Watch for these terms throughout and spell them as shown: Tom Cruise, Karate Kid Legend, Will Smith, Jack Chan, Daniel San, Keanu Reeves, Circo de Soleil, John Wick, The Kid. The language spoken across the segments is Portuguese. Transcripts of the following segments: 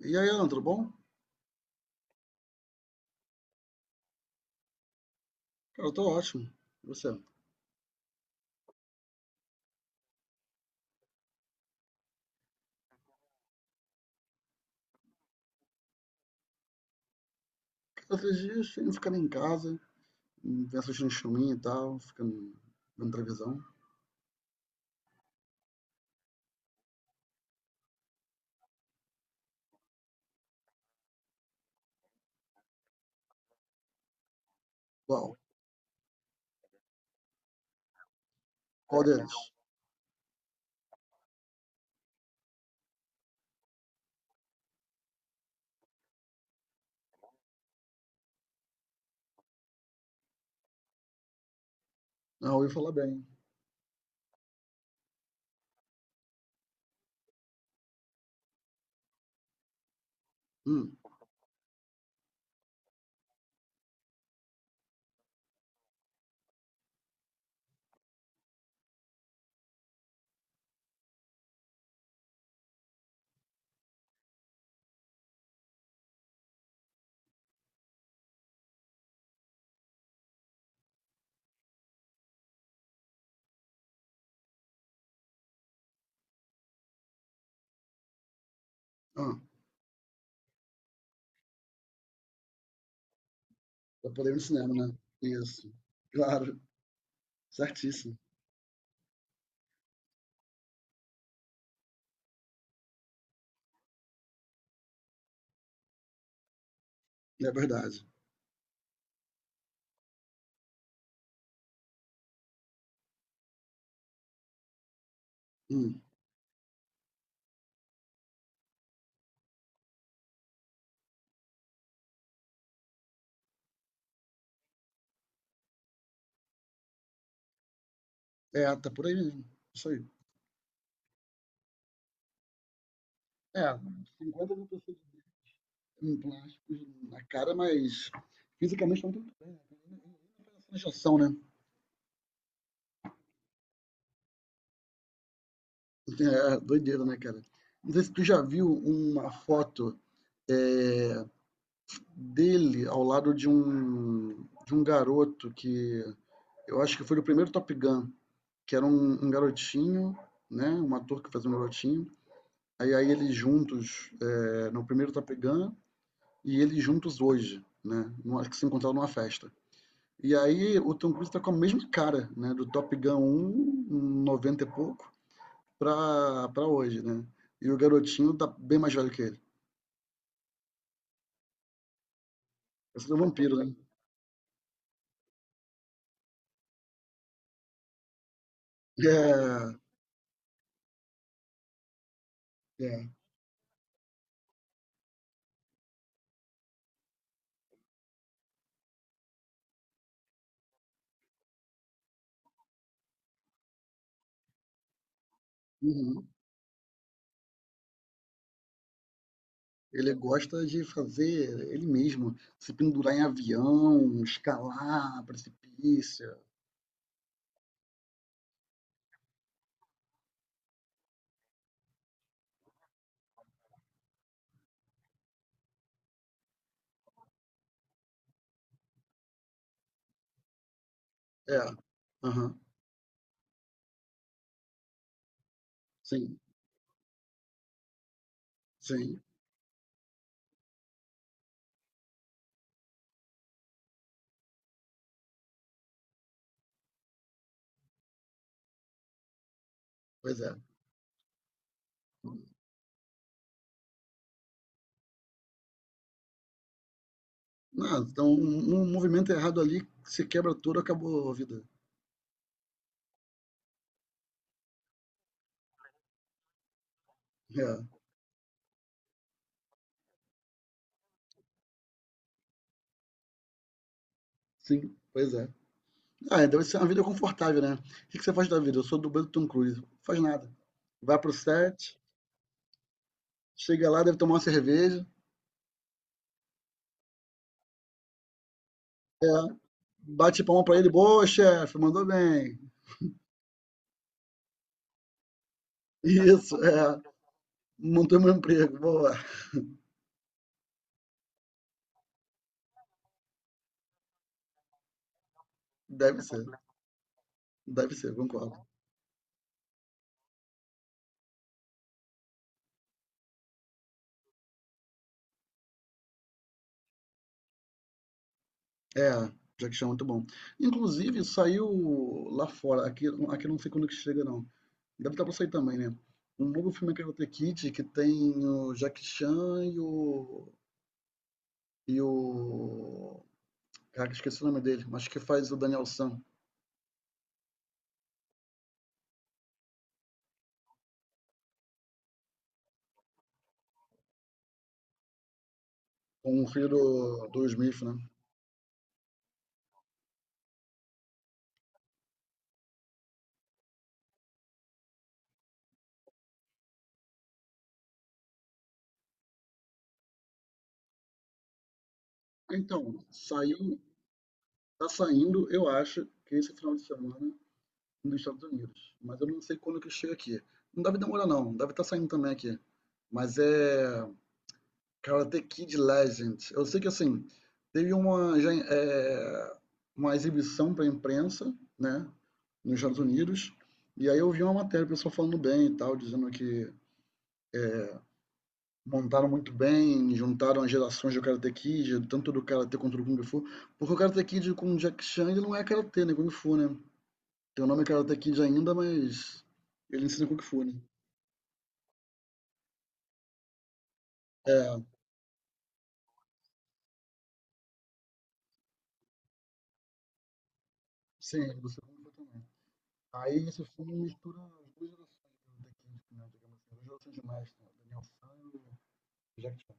E aí, Ana, tudo bom? Cara, eu tô ótimo. E você? Cara, esses dias eu ficando em casa, vendo assistindo um filminho e tal, ficando vendo televisão. Uau, qual deles? Ah, ouvi falar bem. Hum. Ah, pra poder ir no cinema, né? Isso, claro, certíssimo. É verdade. Hum. É, tá por aí mesmo. Isso aí. É, 50.000 pessoas em plásticos na cara, mas fisicamente não tem muita diferença na injeção, né? É, doideira, né, cara? Não sei se tu já viu uma foto é, dele ao lado de um garoto que eu acho que foi o primeiro Top Gun, que era um garotinho, né? Um ator que fazia um garotinho. Aí eles juntos no primeiro Top Gun e eles juntos hoje, né? Numa, que se encontraram numa festa. E aí o Tom Cruise tá com a mesma cara, né? Do Top Gun um um 90 e pouco, pra hoje, né? E o garotinho tá bem mais velho que ele. Esse é um vampiro, né? É, é. Uhum. Ele gosta de fazer ele mesmo, se pendurar em avião, escalar precipício. É. Aham. Sim, sim. Pois é. Não, então um, movimento errado ali, se quebra tudo, acabou a vida. É. Sim, pois é. Ah, é, deve ser uma vida confortável, né? O que que você faz da vida? Eu sou dublê do Tom Cruise. Faz nada. Vai pro set, chega lá, deve tomar uma cerveja. É. Bate palma pra ele. Boa, chefe, mandou bem. Isso, é. Mantém meu emprego. Boa. Deve ser, deve ser, concordo. É, Jack Chan é muito bom. Inclusive, saiu lá fora, aqui, eu não sei quando que chega, não. Deve estar para sair também, né? Um novo filme que é o The Kid que tem o Jack Chan e o. E o. Caraca, esqueci o nome dele, mas que faz o Daniel San, com o filho do Will Smith, né? Então, saiu, tá saindo, eu acho, que esse final de semana dos Estados Unidos, mas eu não sei quando que chega aqui. Não deve demorar, não. Deve estar saindo também aqui. Mas é Karate Kid Legend. Eu sei que assim, teve já, uma exibição para a imprensa, né, nos Estados Unidos, e aí eu vi uma matéria, o pessoal falando bem e tal, dizendo que montaram muito bem, juntaram as gerações do Karate Kid, tanto do Karate quanto do Kung Fu, porque o Karate Kid com o Jack Chan ele não é Karate, né, Kung Fu, né? Tem o nome Karate Kid ainda, mas ele ensina Kung Fu, né? É, sim, você segundo também. Aí esse filme mistura as duas gerações do The Kid, né, digamos assim, as duas gerações de mestre, né, Daniel San e o Jack Chan.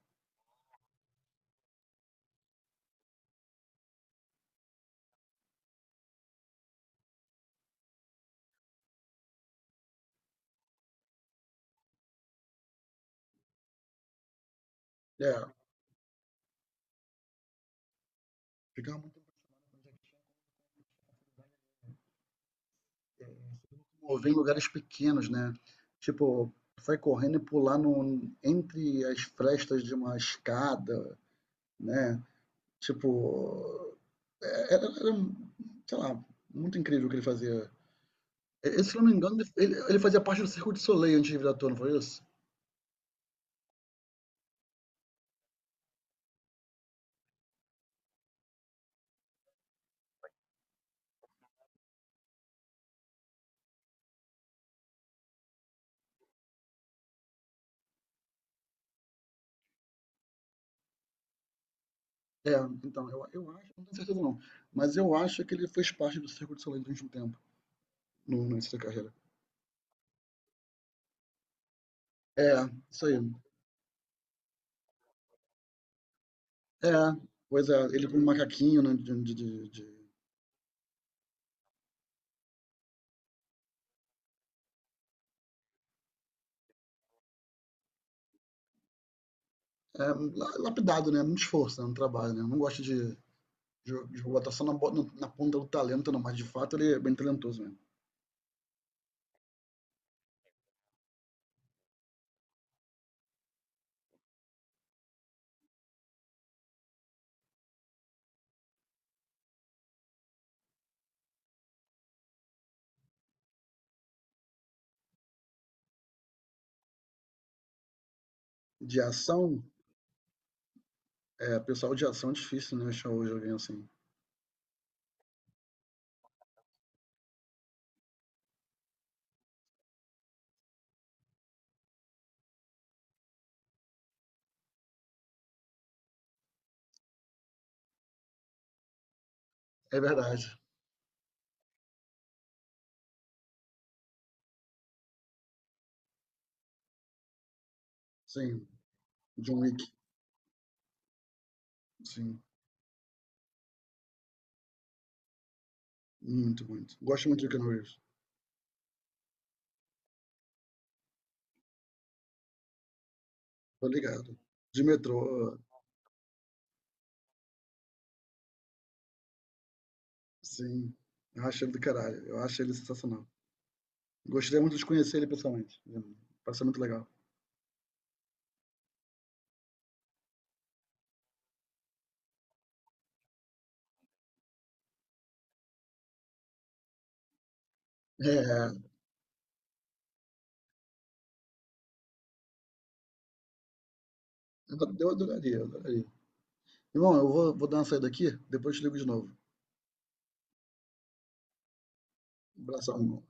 É, ficava muito impressionado com o Jack Chan, como ele tinha facilidade de se mover em lugares pequenos, né? Tipo, sai correndo e pular no, entre as frestas de uma escada, né? Tipo, é, era, era, sei lá, muito incrível o que ele fazia. E- Esse, se não me engano, ele, fazia parte do Circo de Soleil antes de virar ator, não foi isso? É, então, eu acho, não tenho certeza não, mas eu acho que ele fez parte do Circo de Soleil durante um tempo, no início da carreira. É, isso aí. É, pois é, ele com um macaquinho, né, lapidado, né, muito esforço, né, no trabalho, né, não gosto de botar só na, na ponta do talento, não, mas de fato ele é bem talentoso mesmo. De ação, é, pessoal de ação é difícil, né, achar hoje alguém assim. É verdade, sim, John Wick, sim, muito, muito. Gosto muito do Keanu Reeves, tô ligado. De metrô, sim, eu acho ele do caralho. Eu acho ele sensacional. Gostaria muito de conhecer ele pessoalmente. Parece muito legal. É, eu adoraria, eu adoraria. Irmão, eu vou dar uma saída aqui, depois te ligo de novo. Um abração.